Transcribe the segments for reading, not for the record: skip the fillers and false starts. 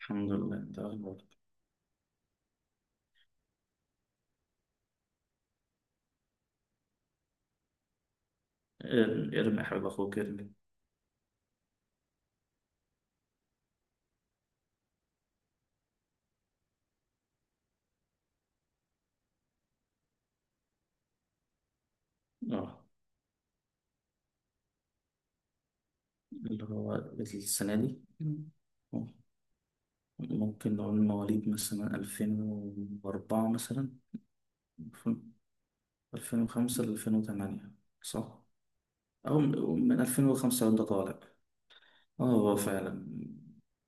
الحمد لله. انت اخبارك؟ ارمي يا حبيب اخوك، ارمي. اه، اللي هو السنة دي. آه، ممكن نقول مواليد مثلا 2004، مثلا 2005 ل 2008، صح؟ أو من 2005 وأنت طالع. اه، هو فعلا.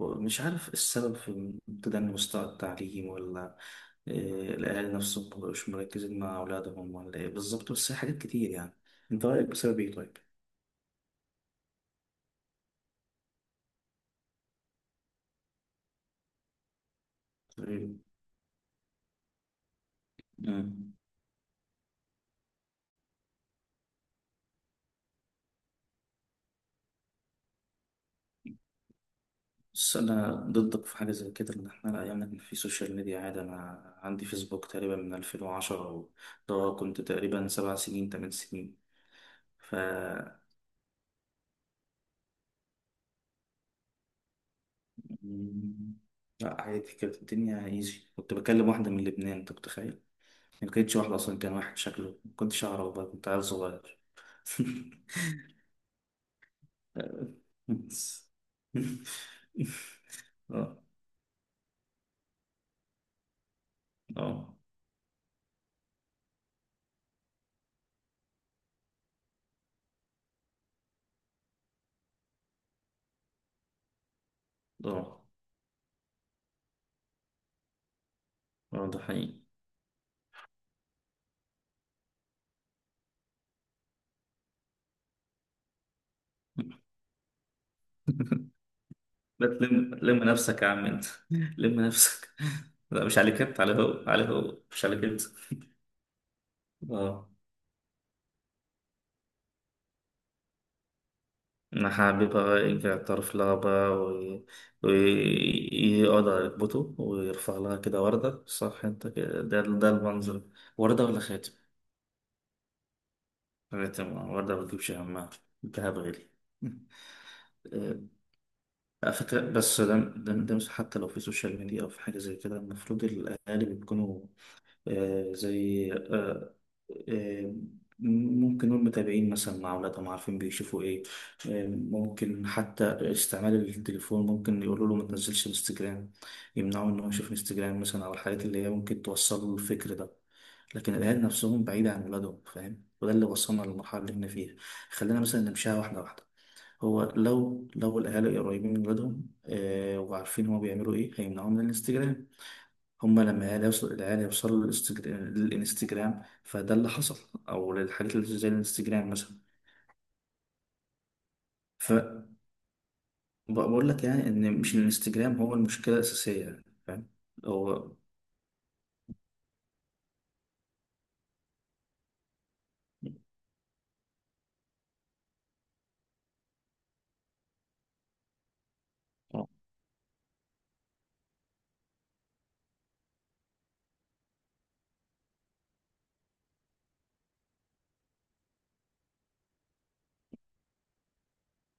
مش عارف السبب في تدني مستوى التعليم، ولا إيه. الأهالي نفسهم مبقوش مركزين مع أولادهم، ولا إيه بالظبط، بس هي حاجات كتير يعني. أنت رأيك بسبب إيه؟ طيب؟ مم. بس أنا ضدك في حاجة زي كده، إن إحنا الأيام اللي في سوشيال ميديا عادي. أنا عندي فيسبوك تقريبا من 2010، وده كنت تقريبا 7 سنين 8 سنين. ف مم. لا عادي، كانت الدنيا ايزي. كنت بكلم واحدة من لبنان، أنت متخيل؟ ما كانتش واحدة أصلا، كان واحد شكله ما كنتش أعرف، بقى كنت عيل صغير. بس. اه، اه، اه. آه، ده حقيقي. لا، لم نفسك يا عم انت. لم نفسك. لا مش عليك انت، عليه هو، عليه هو، مش عليك انت. اه. انا حابب يرجع يعترف لها بقى، ويقعد على ركبته ويرفع لها كده وردة، صح انت كده؟ ده المنظر. وردة ولا خاتم؟ خاتم. اه، وردة ما بتجيبش همها. الذهب غالي. اه. على فكرة، بس ده مش، حتى لو في سوشيال ميديا أو في حاجة زي كده المفروض الأهالي بيكونوا زي آه، ممكن نقول متابعين مثلا مع أولادهم، عارفين بيشوفوا إيه. آه، ممكن حتى استعمال التليفون، ممكن يقولوا له ما تنزلش انستجرام، يمنعوا إن هو يشوف انستجرام مثلا، أو الحاجات اللي هي ممكن توصل له الفكر ده. لكن الأهل نفسهم بعيدة عن ولادهم فاهم، وده اللي وصلنا للمرحلة اللي احنا فيها. خلينا مثلا نمشيها واحدة واحدة. هو لو الأهالي قريبين من ولادهم، آه، وعارفين هما بيعملوا إيه هيمنعوهم من الانستجرام. هما لما العيال يوصلوا للانستجرام، فده اللي حصل. او للحاجات اللي زي الانستجرام مثلا. فبقول لك يعني ان مش الانستجرام هو المشكله الاساسيه، يعني فاهم. هو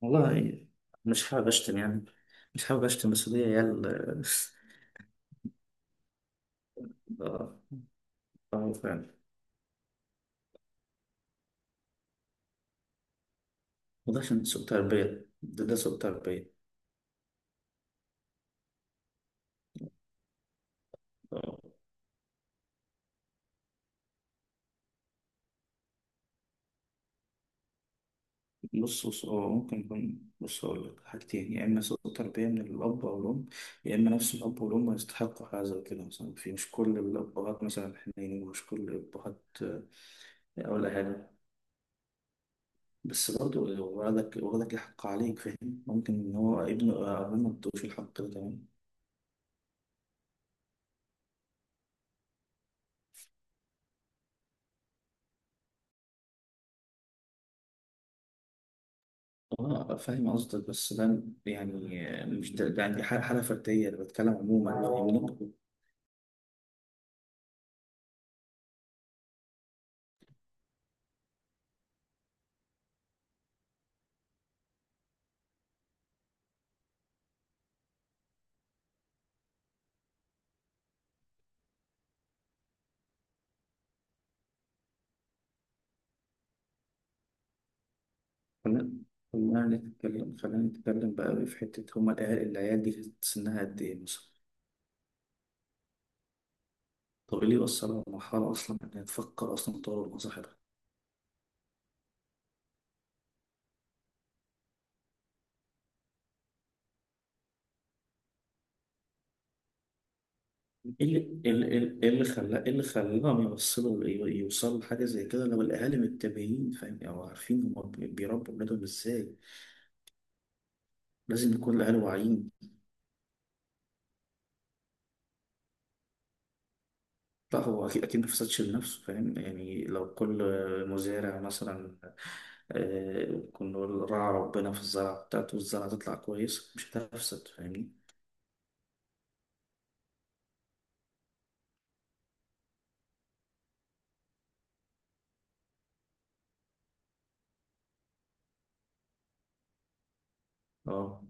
والله مش حابب اشتم يعني. مش حابب اشتم، بس دي عيال. اه، اه، فعلا. وده عشان سوء تربيه، ده سوء تربيه. آه. بص بص، اه ممكن يكون. بص أقول لك حاجتين، يا إما سوء تربية من الأب أو الأم، يا إما نفس الأب والأم يستحقوا حاجة زي كده. مثلا في، مش كل الأبهات مثلا حنينين، ومش كل الأبهات، آه، ولا حاجة. بس برضه ولدك ولدك يحق عليك فاهم. ممكن إن هو ابنه أو أبوه ما ادوش الحق ده، تمام. اه فاهم قصدك، بس ده يعني. مش ده، ده عندي حالة فردية، أنا بتكلم عموما يعني. خلينا خلينا نتكلم، خلينا نتكلم بقى في حتة، هما العيال دي كانت سنها قد إيه مثلا؟ طب إيه اللي يوصلها لمرحلة أصلا إنها تفكر أصلا تطور مظاهرها؟ إيه اللي إيه اللي إيه اللي إيه اللي خلاهم يوصلوا يوصلوا لحاجة زي كده، لو الأهالي متابعين فاهم أو عارفين هما بيربوا ولادهم إزاي؟ لازم يكون الأهالي واعيين. لا هو، أكيد أكيد ما فسدش لنفسه فاهم. يعني لو كل مزارع مثلا، آه، كنا نقول راعى ربنا في الزرعة بتاعته، والزرعة تطلع كويس مش هتفسد، فاهمني. اه،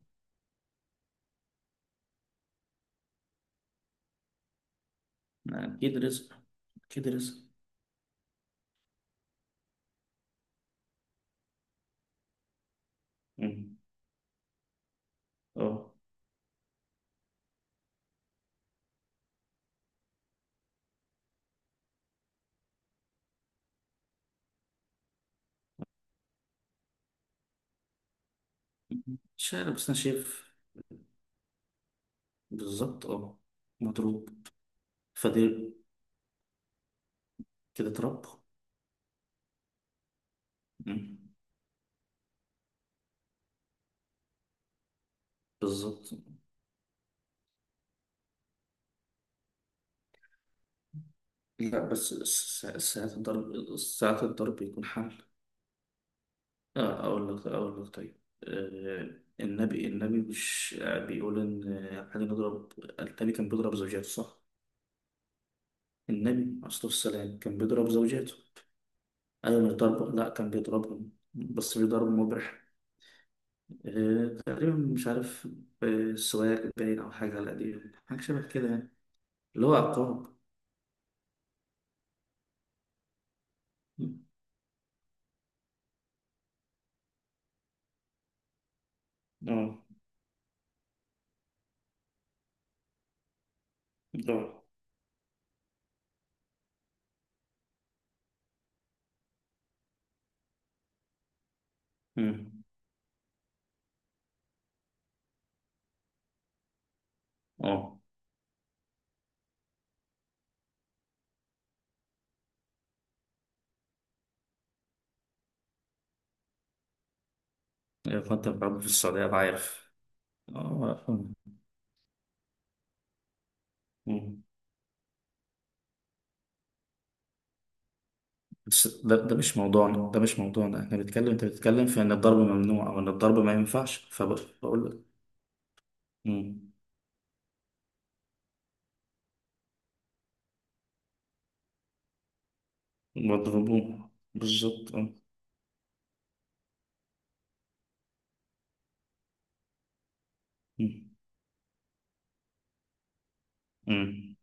أكيد رزق، أكيد رزق. مم. اه، مش عارف، بس أنا شايف. بالظبط، اه. مضروب. فدي كده اتربى. مم. بالظبط. لا بس ساعات الضرب يكون حمل. آه، أقول لك طيب. آه، النبي مش، آه، بيقول إن، آه، إحنا نضرب. النبي كان بيضرب زوجاته، صح؟ النبي عليه الصلاة والسلام كان بيضرب زوجاته. أيوة، مش ضرب، لا كان بيضربهم، بس بيضرب مبرح. آه، تقريبا مش عارف. آه، سواك باين أو حاجة على قديم، حاجة شبه كده يعني. اللي هو عقاب. اه، اه. مم. اه. أيوة، كنت بلعب في السعودية أنا عارف. اه. مم. بس ده، ده مش موضوعنا، ده مش موضوعنا. احنا بنتكلم، انت بتتكلم في ان الضرب ممنوع او ان الضرب ما ينفعش، فبقول لك. امم مضروبون، بالظبط، اه. مم. مم.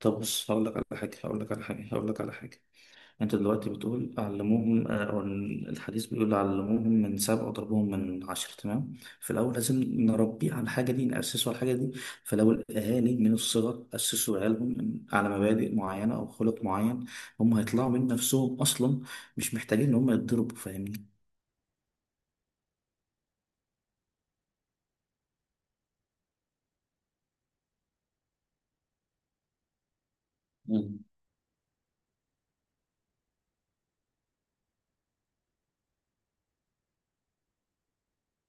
طب بص، هقول لك على حاجه. انت دلوقتي بتقول علموهم، آه، أو الحديث بيقول علموهم من سبع وضربوهم من عشر، تمام. في الاول لازم نربيه على الحاجه دي، ناسسه على الحاجه دي. فلو الاهالي من الصغر اسسوا عيالهم على مبادئ معينه او خلق معين، هم هيطلعوا من نفسهم اصلا. مش محتاجين ان هم يتضربوا، فاهمني. مم.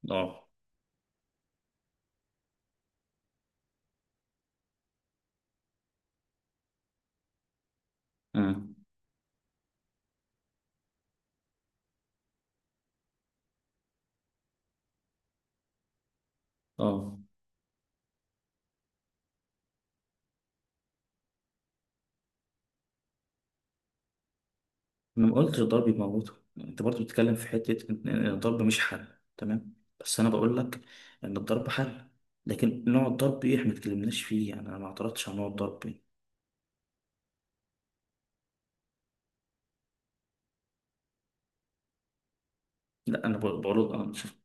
اه. امم اه. أنا ما قلتش الضرب يموته يعني. انت برضو بتتكلم في حتة ان إن الضرب مش حل، تمام. بس انا بقول لك ان الضرب حل، لكن نوع الضرب ايه احنا ما اتكلمناش فيه يعني. انا ما اعترضتش على نوع الضرب إيه. لا انا بقول اه، شوف.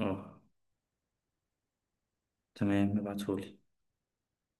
آه، تمام، ابعتهولي.